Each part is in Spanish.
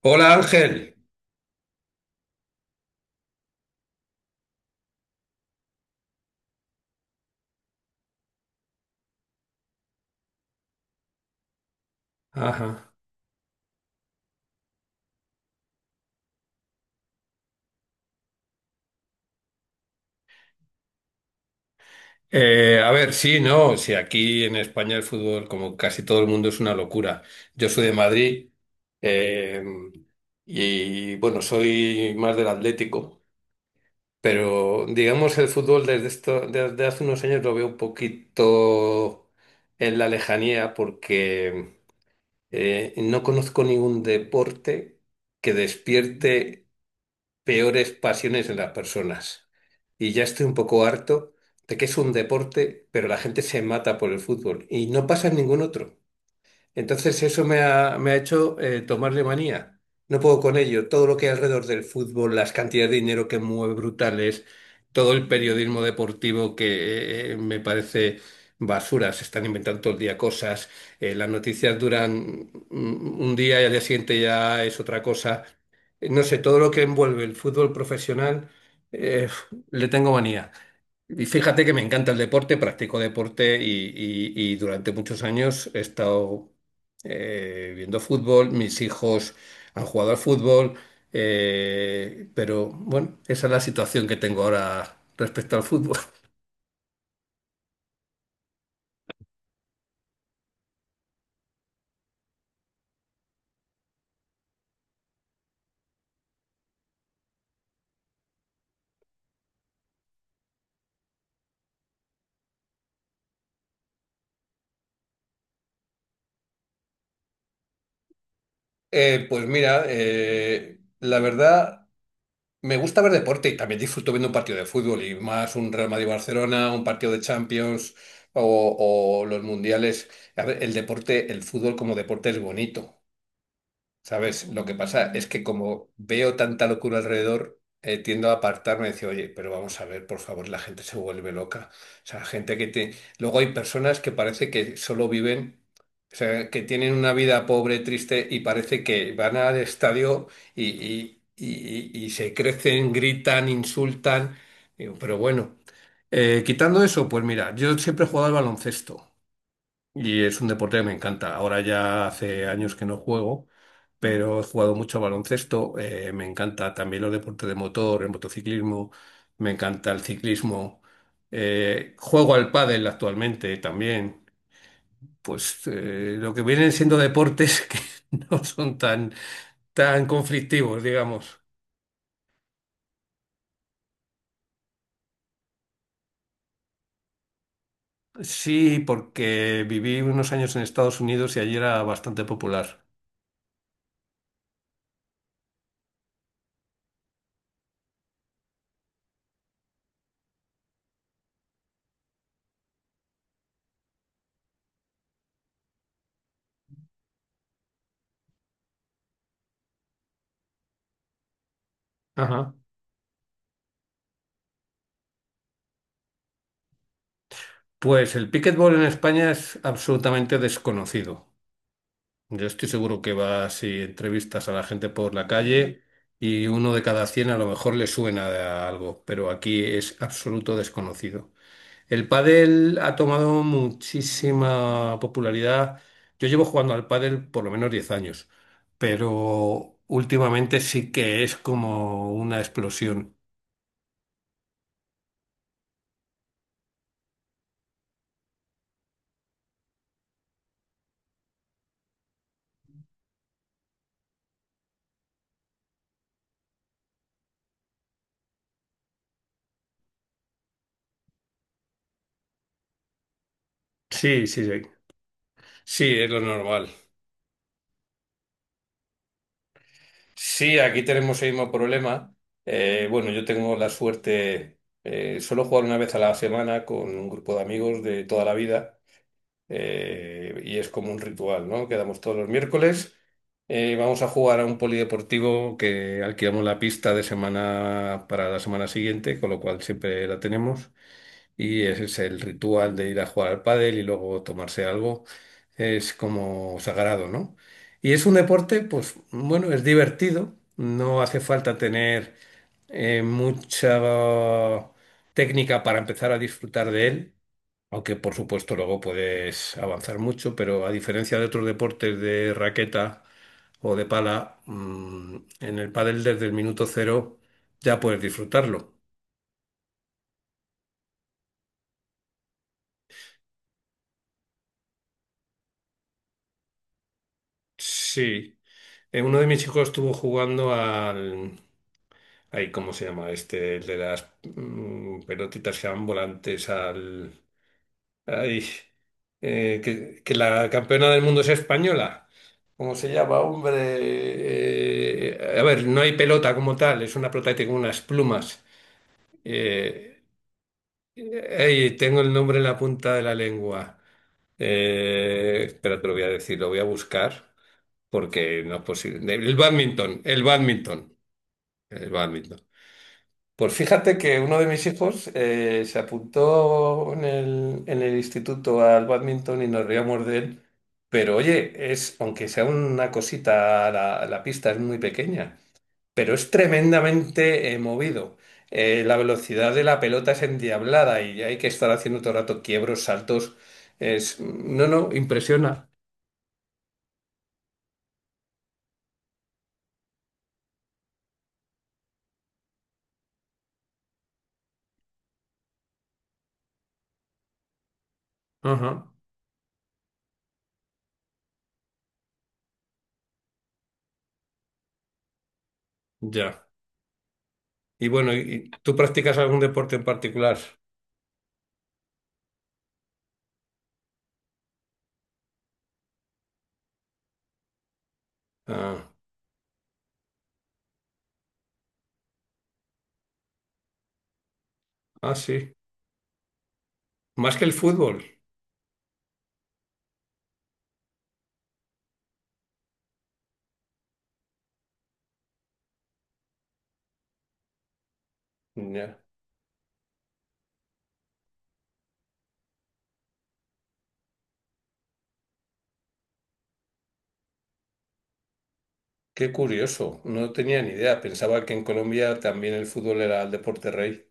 Hola Ángel. Ajá. Sí, no, si aquí en España el fútbol, como casi todo el mundo, es una locura. Yo soy de Madrid eh, y bueno, soy más del Atlético, pero digamos el fútbol desde hace unos años lo veo un poquito en la lejanía porque no conozco ningún deporte que despierte peores pasiones en las personas. Y ya estoy un poco harto de que es un deporte, pero la gente se mata por el fútbol y no pasa en ningún otro. Entonces me ha hecho tomarle manía. No puedo con ello. Todo lo que hay alrededor del fútbol, las cantidades de dinero que mueve brutales, todo el periodismo deportivo que me parece basura. Se están inventando todo el día cosas. Las noticias duran un día y al día siguiente ya es otra cosa. No sé, todo lo que envuelve el fútbol profesional, eh, le tengo manía. Y fíjate que me encanta el deporte, practico deporte y durante muchos años he estado viendo fútbol, mis hijos han jugado al fútbol, pero bueno, esa es la situación que tengo ahora respecto al fútbol. Pues mira, la verdad, me gusta ver deporte y también disfruto viendo un partido de fútbol y más un Real Madrid-Barcelona, un partido de Champions o los mundiales. A ver, el deporte, el fútbol como deporte es bonito. ¿Sabes? Lo que pasa es que como veo tanta locura alrededor, tiendo a apartarme y decir, oye, pero vamos a ver, por favor, la gente se vuelve loca. O sea, gente que te... Luego hay personas que parece que solo viven, o sea, que tienen una vida pobre, triste y parece que van al estadio y se crecen, gritan, insultan. Digo, pero bueno, quitando eso, pues mira, yo siempre he jugado al baloncesto. Y es un deporte que me encanta. Ahora ya hace años que no juego, pero he jugado mucho a baloncesto. Me encanta también los deportes de motor, el motociclismo. Me encanta el ciclismo. Juego al pádel actualmente también. Pues lo que vienen siendo deportes que no son tan, tan conflictivos, digamos. Sí, porque viví unos años en Estados Unidos y allí era bastante popular. Ajá. Pues el pickleball en España es absolutamente desconocido. Yo estoy seguro que vas y entrevistas a la gente por la calle y uno de cada cien a lo mejor le suena de algo, pero aquí es absoluto desconocido. El pádel ha tomado muchísima popularidad. Yo llevo jugando al pádel por lo menos 10 años, pero últimamente sí que es como una explosión. Sí, sí, sí. Sí, es lo normal. Sí, aquí tenemos el mismo problema. Bueno, yo tengo la suerte, solo jugar una vez a la semana con un grupo de amigos de toda la vida y es como un ritual, ¿no? Quedamos todos los miércoles, vamos a jugar a un polideportivo que alquilamos la pista de semana para la semana siguiente, con lo cual siempre la tenemos y ese es el ritual de ir a jugar al pádel y luego tomarse algo, es como sagrado, ¿no? Y es un deporte, pues bueno, es divertido, no hace falta tener mucha técnica para empezar a disfrutar de él, aunque por supuesto luego puedes avanzar mucho, pero a diferencia de otros deportes de raqueta o de pala, en el pádel desde el minuto 0 ya puedes disfrutarlo. Sí. Uno de mis hijos estuvo jugando al... Ay, ¿cómo se llama este? El de las pelotitas que van volantes al... Ay, que la campeona del mundo es española. ¿Cómo se llama, hombre? No hay pelota como tal, es una pelota que tiene unas plumas. Eh, ay, tengo el nombre en la punta de la lengua. Espera, te lo voy a decir, lo voy a buscar porque no es posible. El bádminton, el bádminton. El bádminton. Pues fíjate que uno de mis hijos se apuntó en el instituto al bádminton y nos reíamos de él. Pero oye, es, aunque sea una cosita, la pista es muy pequeña, pero es tremendamente movido. La velocidad de la pelota es endiablada y hay que estar haciendo todo el rato quiebros, saltos. Es, no, no, impresiona. Ajá, ya. Y bueno, y tú practicas algún deporte en particular? Ah, ah, sí. Más que el fútbol. Ya. Qué curioso. No tenía ni idea. Pensaba que en Colombia también el fútbol era el deporte rey.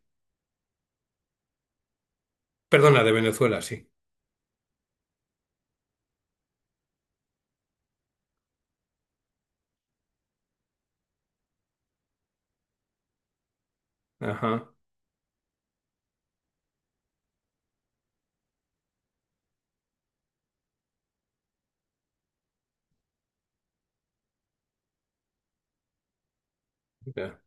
Perdona, de Venezuela, sí. Ajá, ya.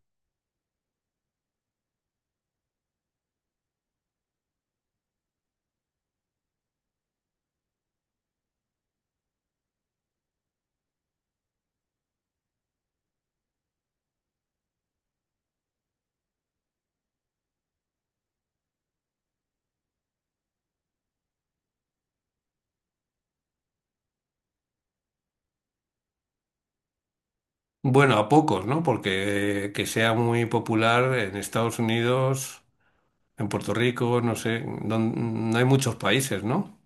Bueno, a pocos, ¿no? Porque que sea muy popular en Estados Unidos, en Puerto Rico, no sé, don- no hay muchos países, ¿no?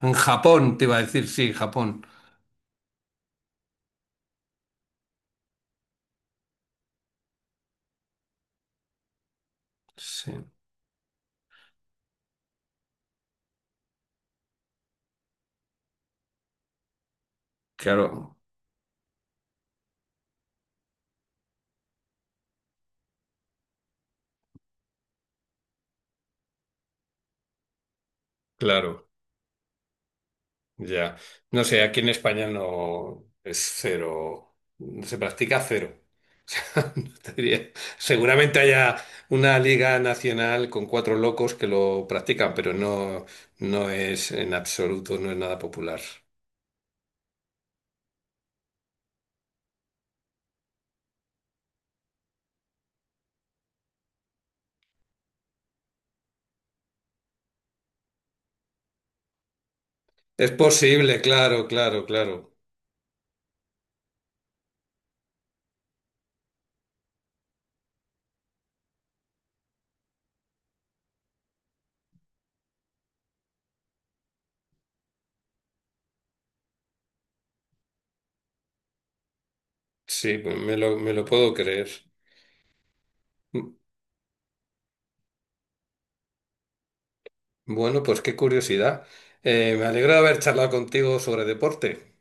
En Japón, te iba a decir, sí, Japón. Sí, claro. Claro. Ya. No sé, aquí en España no es cero, se practica cero. O sea, no te diría- Seguramente haya una liga nacional con cuatro locos que lo practican, pero no, no es en absoluto, no es nada popular. Es posible, claro, claro, claro. Sí, pues me lo puedo creer. Mm, Bueno, pues qué curiosidad. Me alegro de haber charlado contigo sobre deporte.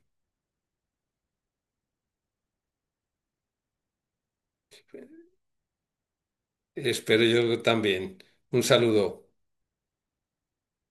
Espero yo también. Un saludo.